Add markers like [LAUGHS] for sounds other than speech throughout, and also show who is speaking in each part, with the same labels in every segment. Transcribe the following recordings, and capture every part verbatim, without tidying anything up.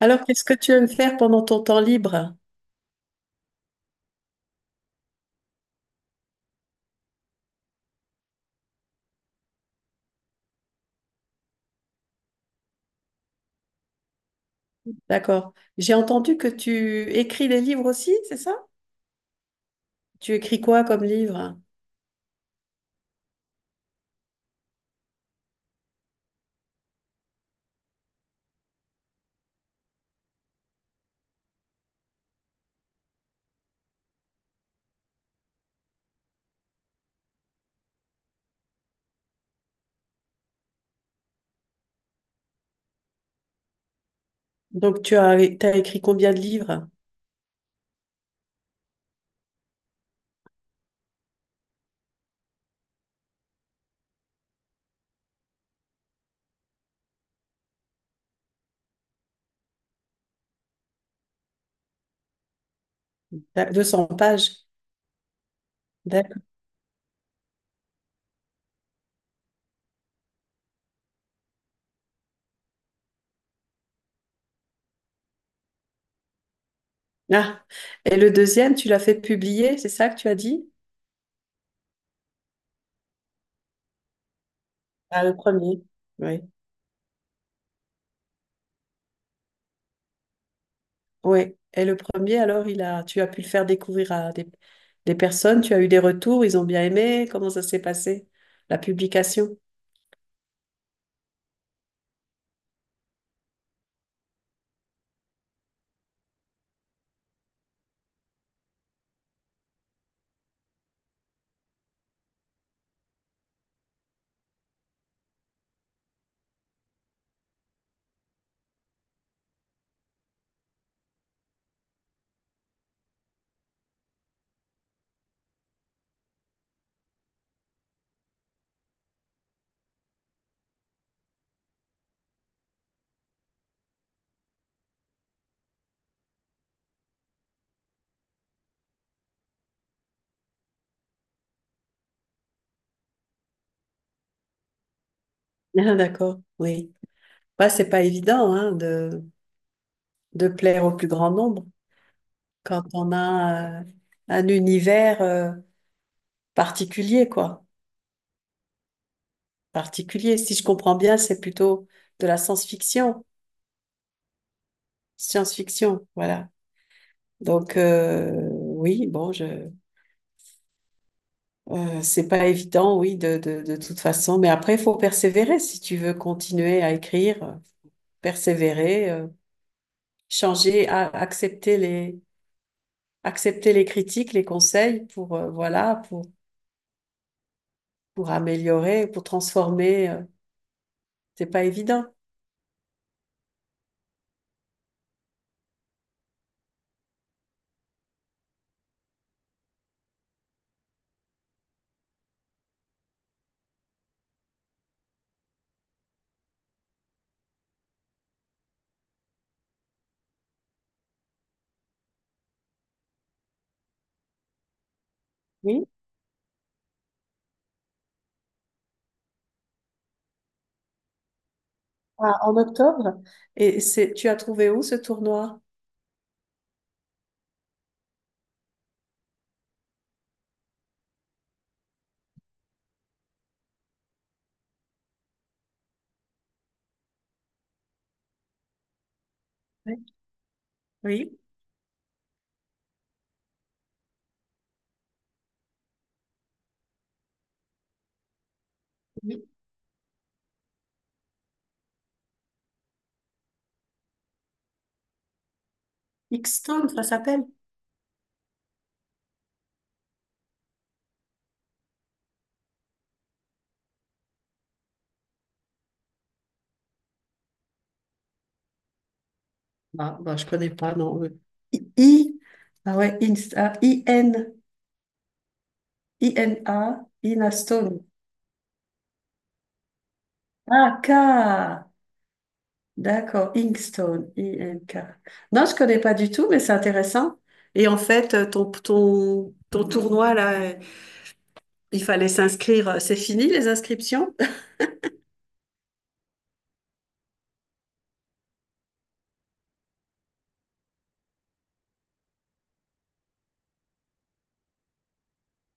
Speaker 1: Alors, qu'est-ce que tu aimes faire pendant ton temps libre? D'accord. J'ai entendu que tu écris des livres aussi, c'est ça? Tu écris quoi comme livre? Donc, tu as, t'as écrit combien de livres? T'as deux cents pages. D'accord. Ah. Et le deuxième, tu l'as fait publier, c'est ça que tu as dit? Ah, le premier. Oui. Oui. Et le premier, alors, il a, tu as pu le faire découvrir à des, des personnes, tu as eu des retours, ils ont bien aimé. Comment ça s'est passé, la publication? [LAUGHS] Ah, d'accord, oui. Bah, c'est pas évident hein, de, de plaire au plus grand nombre quand on a euh, un univers euh, particulier, quoi. Particulier, si je comprends bien, c'est plutôt de la science-fiction. Science-fiction, voilà. Donc, euh, oui, bon, je, euh, c'est pas évident, oui, de, de, de toute façon. Mais après, il faut persévérer si tu veux continuer à écrire, persévérer, euh, changer, a- accepter les accepter les critiques, les conseils pour, euh, voilà, pour, pour améliorer, pour transformer. euh, C'est pas évident. Oui. Ah, en octobre. Et c'est, tu as trouvé où ce tournoi? Ouais. Oui, oui. Xtone, ça s'appelle. Ah, bah, je connais pas, non. euh, I, I- ah ouais, Insta, I-N, I-N-A, Inastone. Ah, K, d'accord, Inkstone, I-N-K. Non, je connais pas du tout, mais c'est intéressant. Et en fait, euh, ton, ton, ton tournoi, là, il fallait s'inscrire. C'est fini les inscriptions?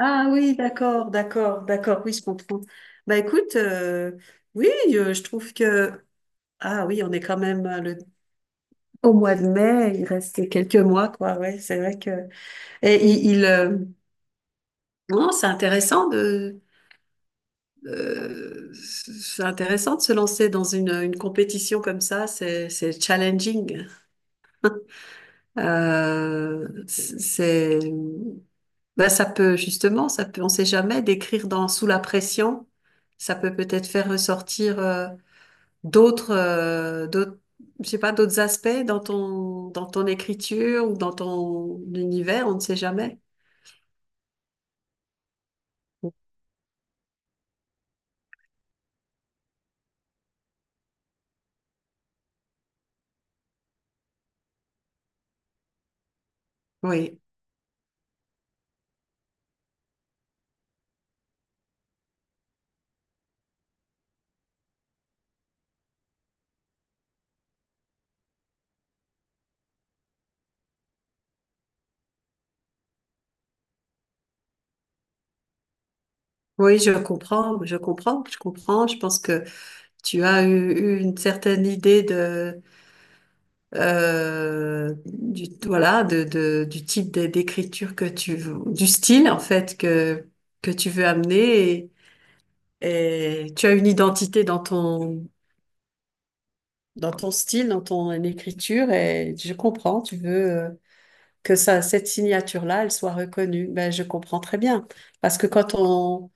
Speaker 1: Ah oui, d'accord, d'accord, d'accord. Oui, je comprends. Bah écoute, euh, oui, euh, je trouve que ah oui, on est quand même euh, le... au mois de mai. Il reste quelques mois, quoi. Ouais, c'est vrai que et il, il, euh, non, c'est intéressant de euh, c'est intéressant de se lancer dans une, une compétition comme ça. C'est c'est challenging. Euh, c'est Ben, ça peut, justement, ça peut, on sait jamais, d'écrire dans Sous la pression, ça peut peut-être faire ressortir euh, d'autres, euh, d'autres, je sais pas, d'autres aspects dans ton, dans ton écriture ou dans ton univers, on ne sait jamais. Oui, oui, je comprends, je comprends, je comprends. Je pense que tu as eu, eu une certaine idée de, euh, du, voilà, de, de, du type d'é- d'écriture que tu, veux- du style en fait que que tu veux amener. Et tu as une identité dans ton, dans ton style, dans ton écriture, et je comprends, tu veux euh, que ça, cette signature-là, elle soit reconnue. Ben, je comprends très bien. Parce que quand on,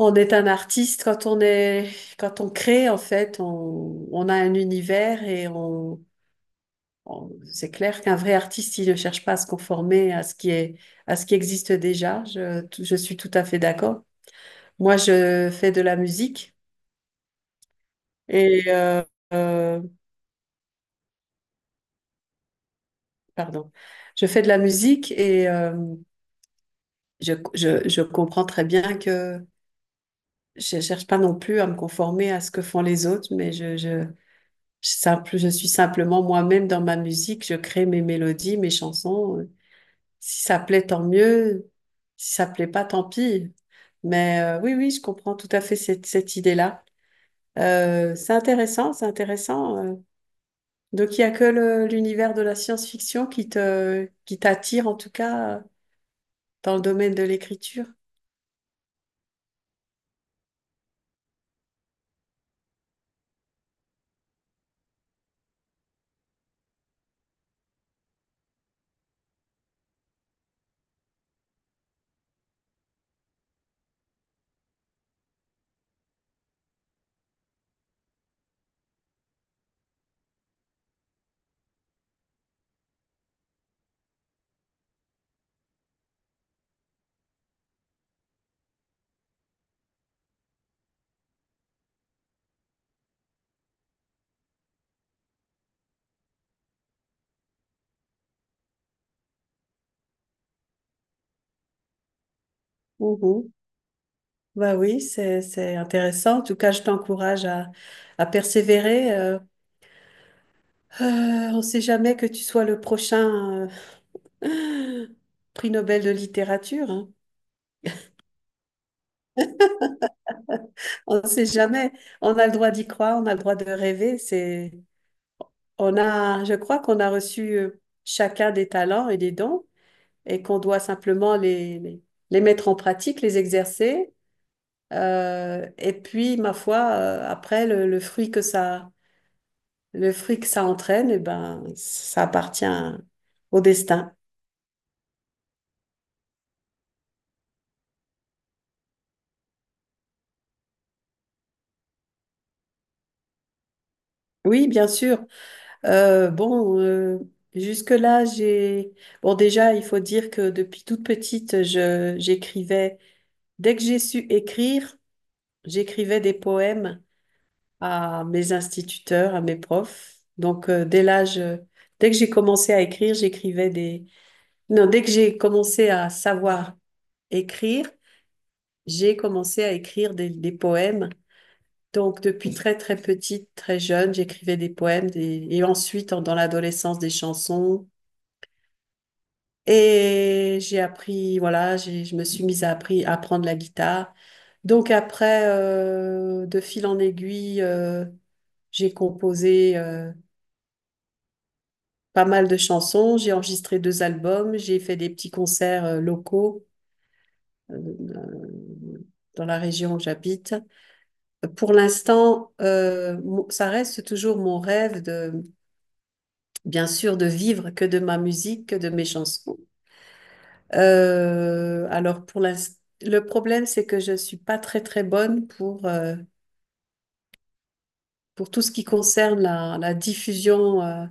Speaker 1: on est un artiste, quand on est, quand on crée, en fait, on, on a un univers et on, on- c'est clair qu'un vrai artiste, il ne cherche pas à se conformer à ce qui est, à ce qui existe déjà. Je, je suis tout à fait d'accord. Moi, je fais de la musique et, euh, euh, pardon. Je fais de la musique et euh, je, je, je comprends très bien que je cherche pas non plus à me conformer à ce que font les autres, mais je, je, je simple, je suis simplement moi-même dans ma musique, je crée mes mélodies, mes chansons. Si ça plaît, tant mieux. Si ça plaît pas, tant pis. Mais euh, oui, oui, je comprends tout à fait cette, cette idée-là. Euh, c'est intéressant, c'est intéressant. euh. Donc, il n'y a que le- l'univers de la science-fiction qui te, qui t'attire, en tout cas, euh, dans le domaine de l'écriture? Mhm. Bah oui, c'est, c'est intéressant. En tout cas, je t'encourage à, à persévérer. euh. Euh, on ne sait jamais que tu sois le prochain euh, [GASPS] [LAUGHS] prix Nobel de littérature. Hein. [LAUGHS] On ne sait jamais. On a le droit d'y croire, on a le droit de rêver. C'est, on a, je crois qu'on a reçu euh, chacun des talents et des dons et qu'on doit simplement les, les, les mettre en pratique, les exercer. Euh, et puis, ma foi, euh, après, le, le fruit que ça, le fruit que ça entraîne, eh ben, ça appartient au destin. Oui, bien sûr. Euh, bon, euh, jusque-là, j'ai... Bon, déjà, il faut dire que depuis toute petite, je, j'écrivais. Dès que j'ai su écrire, j'écrivais des poèmes à mes instituteurs, à mes profs. Donc, euh, dès l'âge, euh, dès que j'ai commencé à écrire, j'écrivais des... Non, dès que j'ai commencé à savoir écrire, j'ai commencé à écrire des, des poèmes. Donc, depuis très, très petite, très jeune, j'écrivais des poèmes des- et ensuite, en- dans l'adolescence, des chansons. Et j'ai appris, voilà, j'ai- je me suis mise à, appris- à apprendre la guitare. Donc, après, euh, de fil en aiguille, euh, j'ai composé euh, pas mal de chansons, j'ai enregistré deux albums, j'ai fait des petits concerts euh, locaux euh, dans la région où j'habite. Pour l'instant, euh, mon- ça reste toujours mon rêve de, bien sûr, de vivre que de ma musique, que de mes chansons. Euh, alors pour l'instant, le problème, c'est que je suis pas très très bonne pour euh, pour tout ce qui concerne la, la diffusion euh,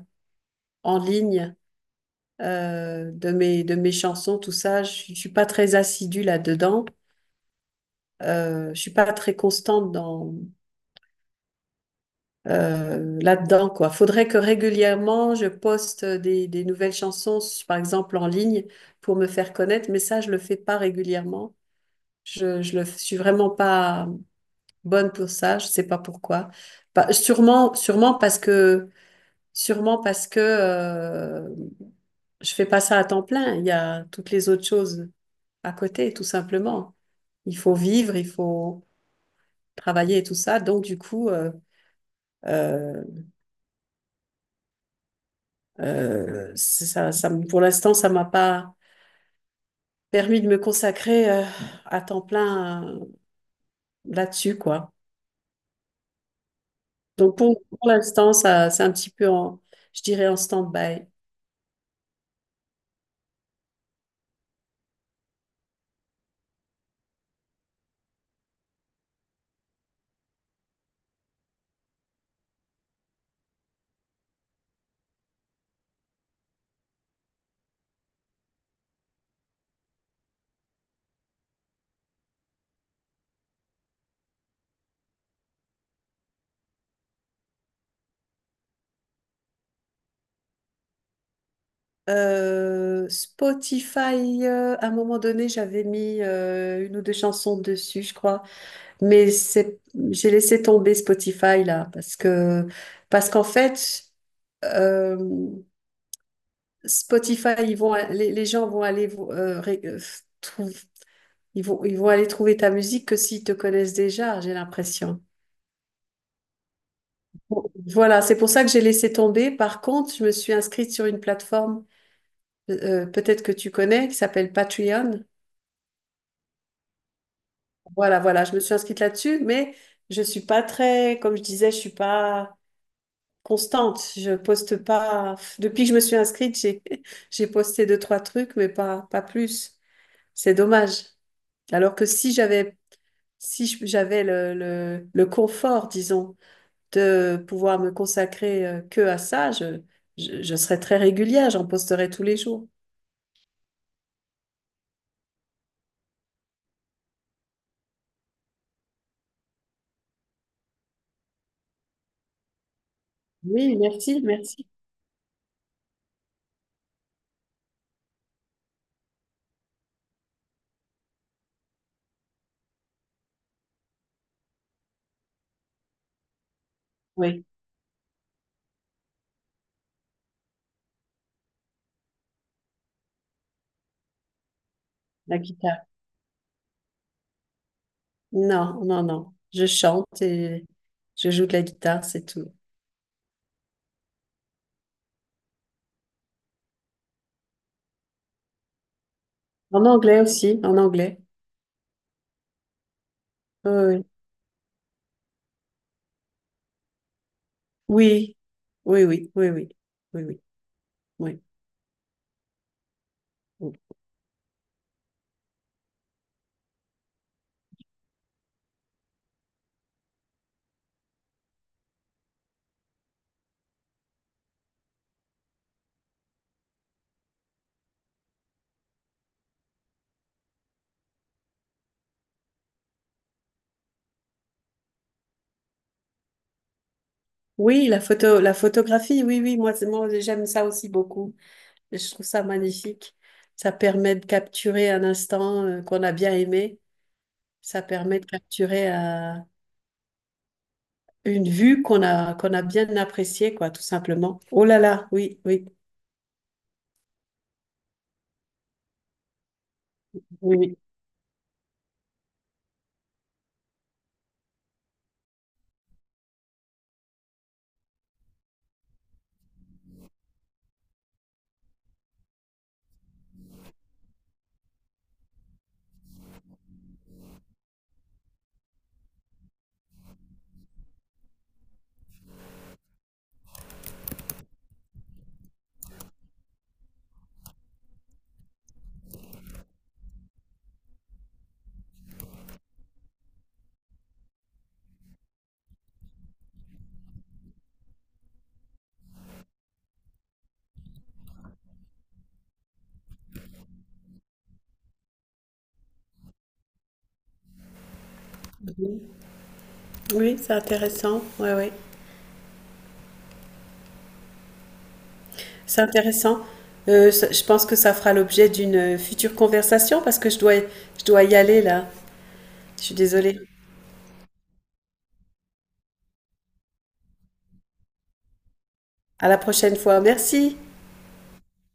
Speaker 1: en ligne euh, de mes de mes chansons, tout ça. Je, suis je suis pas très assidue là-dedans. Euh, je suis pas très constante dans euh, là-dedans quoi. Faudrait que régulièrement je poste des, des nouvelles chansons, par exemple en ligne, pour me faire connaître. Mais ça, je le fais pas régulièrement. Je, je le, je suis vraiment pas bonne pour ça. Je sais pas pourquoi. Pas- sûrement, sûrement parce que sûrement parce que euh, je fais pas ça à temps plein. Il y a toutes les autres choses à côté, tout simplement. Il faut vivre, il faut travailler et tout ça. Donc du coup. euh, euh, Euh, ça, ça, pour l'instant, ça m'a pas permis de me consacrer euh, à temps plein euh, là-dessus, quoi. Donc pour, pour l'instant, ça, c'est un petit peu en, je dirais en stand-by. Euh, Spotify, euh, à un moment donné, j'avais mis euh, une ou deux chansons dessus, je crois, mais c'est, j'ai laissé tomber Spotify là parce que, parce qu'en fait, euh, Spotify, ils vont, les, les gens vont aller euh, ré- euh, trou- ils vont, ils vont aller trouver ta musique que s'ils te connaissent déjà, j'ai l'impression. Voilà, c'est pour ça que j'ai laissé tomber. Par contre, je me suis inscrite sur une plateforme, euh, peut-être que tu connais, qui s'appelle Patreon. Voilà, voilà, je me suis inscrite là-dessus, mais je suis pas très, comme je disais, je suis pas constante. Je poste pas. Depuis que je me suis inscrite, j'ai, [LAUGHS] j'ai posté deux, trois trucs, mais pas, pas plus. C'est dommage. Alors que si j'avais, si je- j'avais le, le, le confort, disons, de pouvoir me consacrer euh, que à ça, je, je, je serais très régulière, j'en posterai tous les jours. Oui, merci, merci. Oui, la guitare. Non, non, non. Je chante et je joue de la guitare, c'est tout. En anglais aussi, en anglais. Oui, oui, oui, oui, oui, oui, oui, oui, oui. Oui. Oui, la photo, la photographie, oui, oui, moi, c'est- moi j'aime ça aussi beaucoup. Je trouve ça magnifique. Ça permet de capturer un instant euh, qu'on a bien aimé. Ça permet de capturer euh, une vue qu'on a, qu'on a bien appréciée, quoi, tout simplement. Oh là là, oui, oui, oui, oui. Oui, c'est intéressant. Ouais, ouais. C'est intéressant. Euh, ça- je pense que ça fera l'objet d'une euh, future conversation parce que je dois, je dois y aller là. Je suis désolée. À la prochaine fois. Merci.